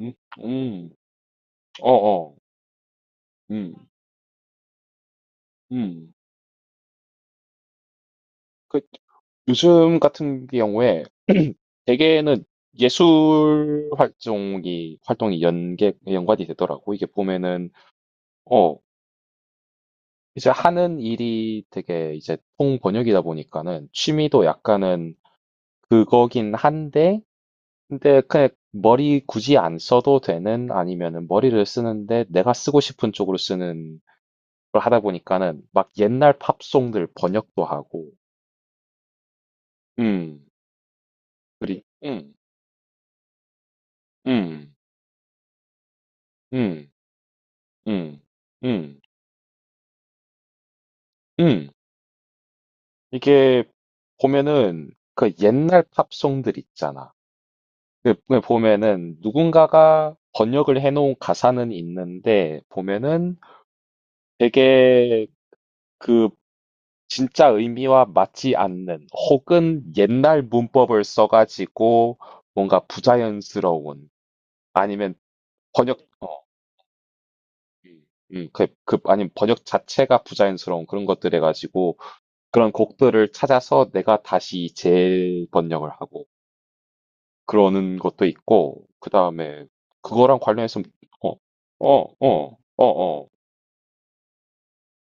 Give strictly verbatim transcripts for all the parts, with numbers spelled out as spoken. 음, 음, 어어, 음, 음. 그, 요즘 같은 경우에 대개는 예술 활동이, 활동이 연계, 연관이 되더라고. 이게 보면은, 어, 이제 하는 일이 되게 이제 통번역이다 보니까는 취미도 약간은 그거긴 한데, 근데 그냥 머리 굳이 안 써도 되는 아니면은 머리를 쓰는데 내가 쓰고 싶은 쪽으로 쓰는 걸 하다 보니까는 막 옛날 팝송들 번역도 하고, 음. 그리 음. 음. 음. 음. 음. 음. 이게 보면은 그 옛날 팝송들 있잖아. 그 그 보면은 누군가가 번역을 해놓은 가사는 있는데 보면은 되게 그 진짜 의미와 맞지 않는 혹은 옛날 문법을 써가지고 뭔가 부자연스러운 아니면 번역 어, 음, 음, 그, 그, 아니면 번역 자체가 부자연스러운 그런 것들 해가지고 그런 곡들을 찾아서 내가 다시 재번역을 하고 그러는 것도 있고, 그 다음에 그거랑 관련해서, 어, 어, 어, 어, 어,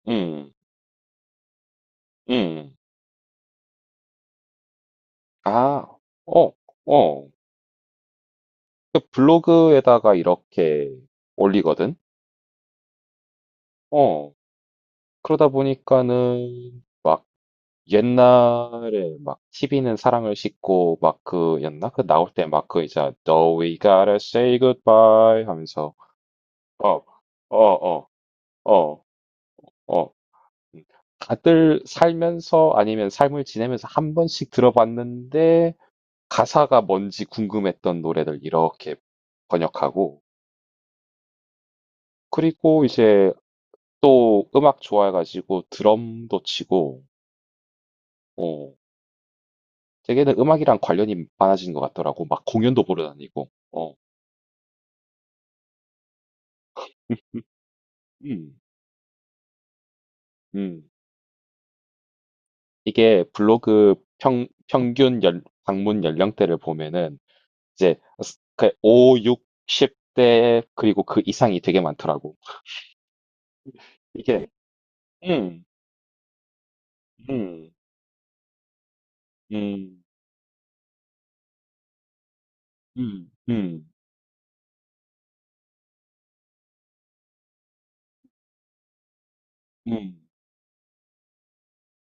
음, 음, 아, 어, 어. 그 블로그에다가 이렇게 올리거든? 어. 그러다 보니까는 옛날에 막 티비는 사랑을 싣고 막 그였나? 그 나올 때 막 그 이제 No, we gotta say goodbye 하면서 어, 어, 어, 어. 어, 음. 다들 살면서 아니면 삶을 지내면서 한 번씩 들어봤는데 가사가 뭔지 궁금했던 노래들 이렇게 번역하고 그리고 이제 또 음악 좋아해가지고 드럼도 치고 어, 되게는 음악이랑 관련이 많아진 것 같더라고 막 공연도 보러 다니고 어, 음, 음. 이게 블로그 평, 평균 연, 방문 연령대를 보면은 이제 스- 그 오십, 육십, 공 대 그리고 그 이상이 되게 많더라고. 이게 음, 음, 음, 음, 음, 음,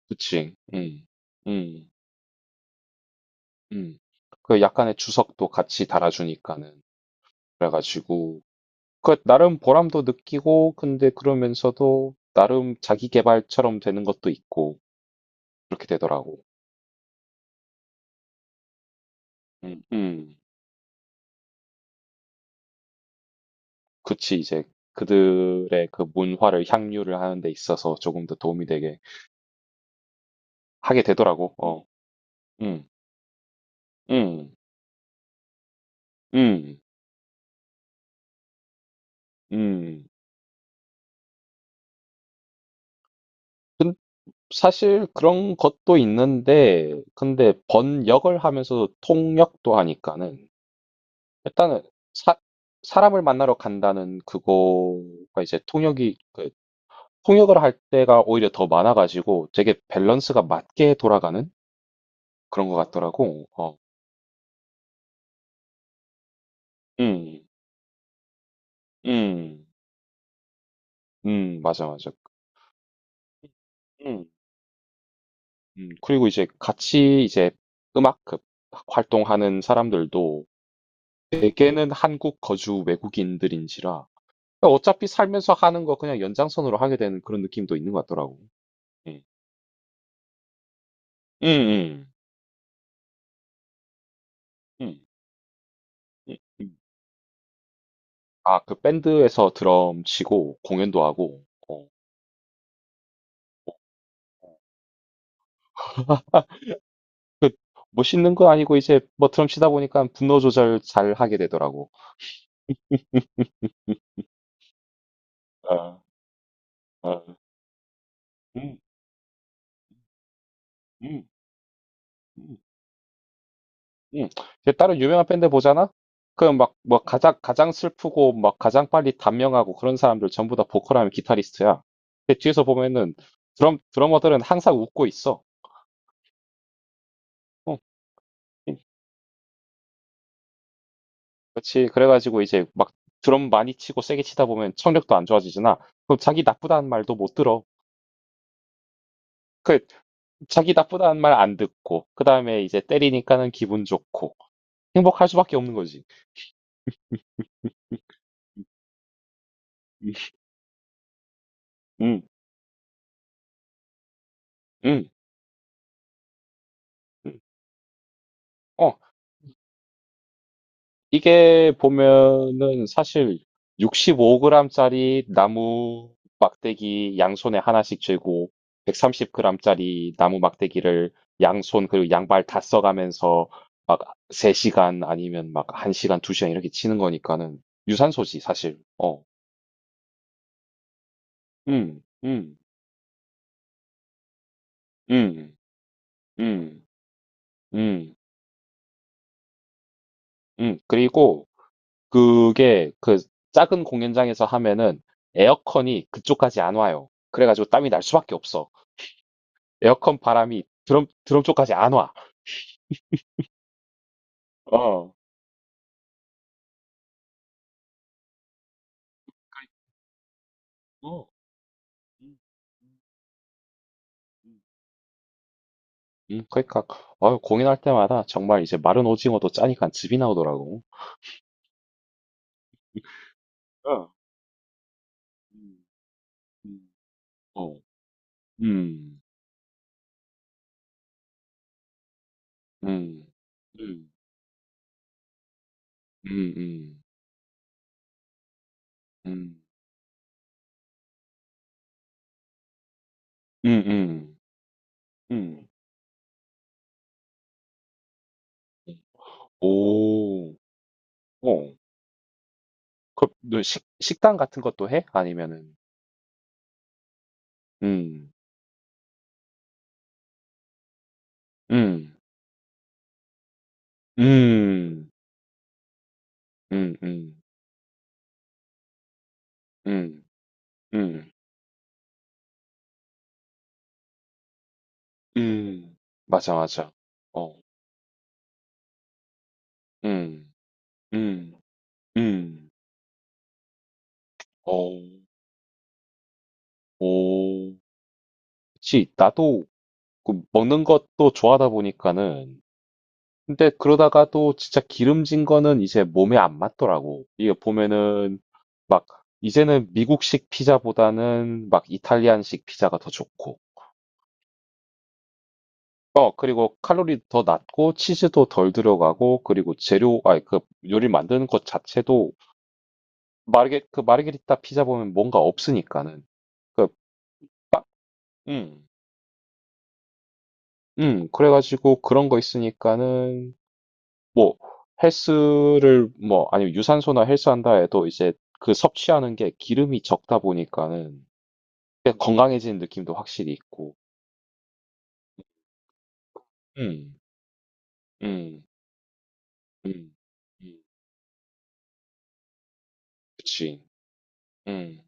그치, 음, 음, 음. 그 약간의 주석도 같이 달아주니까는. 그래가지고, 그 나름 보람도 느끼고, 근데 그러면서도 나름 자기 개발처럼 되는 것도 있고, 그렇게 되더라고. 음, 음. 그치, 이제 그들의 그 문화를 향유를 하는 데 있어서 조금 더 도움이 되게 하게 되더라고. 어, 음, 음, 음, 음. 사실 그런 것도 있는데, 근데 번역을 하면서 통역도 하니까는, 일단은 사, 사람을 만나러 간다는 그거가 이제 통역이, 그 통역을 할 때가 오히려 더 많아가지고 되게 밸런스가 맞게 돌아가는 그런 것 같더라고. 어, 음, 음, 음, 맞아, 맞아. 음, 음. 그리고 이제 같이 이제 음악 그 활동하는 사람들도 대개는 한국 거주 외국인들인지라 그러니까 어차피 살면서 하는 거 그냥 연장선으로 하게 되는 그런 느낌도 있는 것 같더라고. 예. 음, 음, 음, 음, 음. 아, 그 밴드에서 드럼 치고 공연도 하고, 어, 어. 그 멋있는 건 아니고 이제 뭐 드럼 치다 보니까 분노 조절 잘 하게 되더라고. 어, 어, 음, 음, 음, 음. 이제 다른 유명한 밴드 보잖아? 그럼 막, 뭐, 가장, 가장 슬프고, 막, 가장 빨리 단명하고 그런 사람들 전부 다 보컬하면 기타리스트야. 근데 뒤에서 보면은 드럼, 드러머들은 항상 웃고 있어. 어, 그렇지. 그래가지고 이제 막 드럼 많이 치고 세게 치다 보면 청력도 안 좋아지잖아. 그럼 자기 나쁘다는 말도 못 들어. 그 자기 나쁘다는 말 안 듣고 그 다음에 이제 때리니까는 기분 좋고 행복할 수밖에 없는 거지. 음, 음, 음. 어. 이게 보면은 사실 육십오 그램짜리 나무 막대기 양손에 하나씩 쥐고 백삼십 그램짜리 나무 막대기를 양손 그리고 양발 다 써가면서 막 세 시간 아니면 막 한 시간, 두 시간 이렇게 치는 거니까는 유산소지 사실. 어. 음. 음. 음. 음. 음. 음. 그리고 그게 그 작은 공연장에서 하면은 에어컨이 그쪽까지 안 와요. 그래가지고 땀이 날 수밖에 없어. 에어컨 바람이 드럼, 드럼 쪽까지 안 와. 어. 어. 음, 음, 음. 음, 그러니까 어, 공연할 때마다 정말 이제 마른 오징어도 짜니까 즙이 나오더라고. 어. 음, 음. 어. 음. 음. 음. 음. 음. 음. 음. 음. 음. 오. 어. 그, 너 식, 식당 같은 것도 해? 아니면은 음. 음. 음. 음. 음. 음. 음. 음. 맞아, 맞아. 어. 음. 음. 음. 어. 오. 그치. 나도 그 먹는 것도 좋아하다 보니까는 근데 그러다가 또 진짜 기름진 거는 이제 몸에 안 맞더라고. 이게 보면은 막 이제는 미국식 피자보다는 막 이탈리안식 피자가 더 좋고. 어, 그리고 칼로리 더 낮고 치즈도 덜 들어가고 그리고 재료, 아니 그 요리 만드는 것 자체도 마르게 그 마르게리타 피자 보면 뭔가 없으니까는 그 음. 음, 그래가지고 그런 거 있으니까는 뭐 헬스를 뭐 아니면 유산소나 헬스 한다 해도 이제 그 섭취하는 게 기름이 적다 보니까는 꽤 건강해지는 느낌도 확실히 있고 음, 음, 음, 음, 그치 음,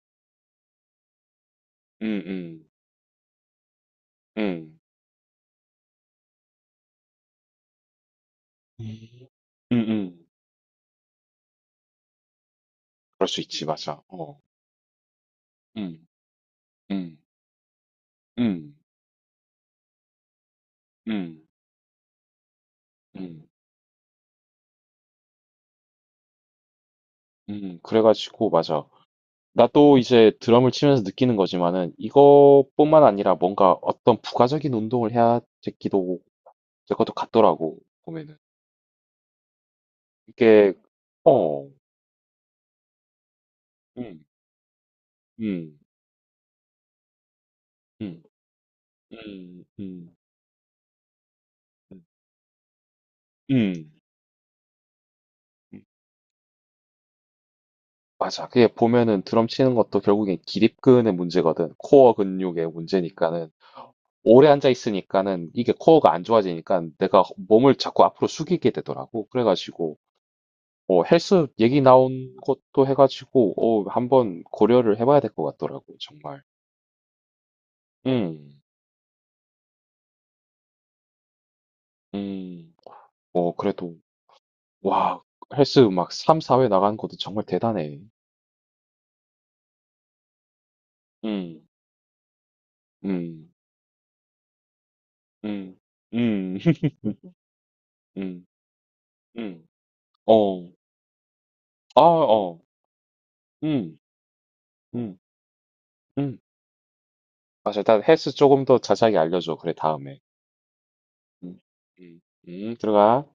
음, 음, 음, 음, 음, 그럴 수 있지 맞아 어, 음, 음, 음, 음, 음, 음, 그래가지고 맞아 나도 이제 드럼을 치면서 느끼는 거지만은 이것뿐만 아니라 뭔가 어떤 부가적인 운동을 해야 되기도 될 것도 같더라고 보면은 이게 어, 음, 음, 음, 음, 음, 음, 음. 맞아. 그게 보면은 드럼 치는 것도 결국엔 기립근의 문제거든. 코어 근육의 문제니까는 오래 앉아 있으니까는 이게 코어가 안 좋아지니까 내가 몸을 자꾸 앞으로 숙이게 되더라고. 그래가지고 어, 헬스 얘기 나온 것도 해가지고, 어, 한번 고려를 해봐야 될 것 같더라고, 정말. 음, 음, 어, 그래도, 와, 헬스 막 삼, 사 회 나가는 것도 정말 대단해. 음, 음, 음, 음, 음, 음, 어, 아, 어, 음, 음, 음. 맞아, 일단 헬스 조금 더 자세하게 알려줘, 그래, 다음에. 음, 음, 음, 들어가.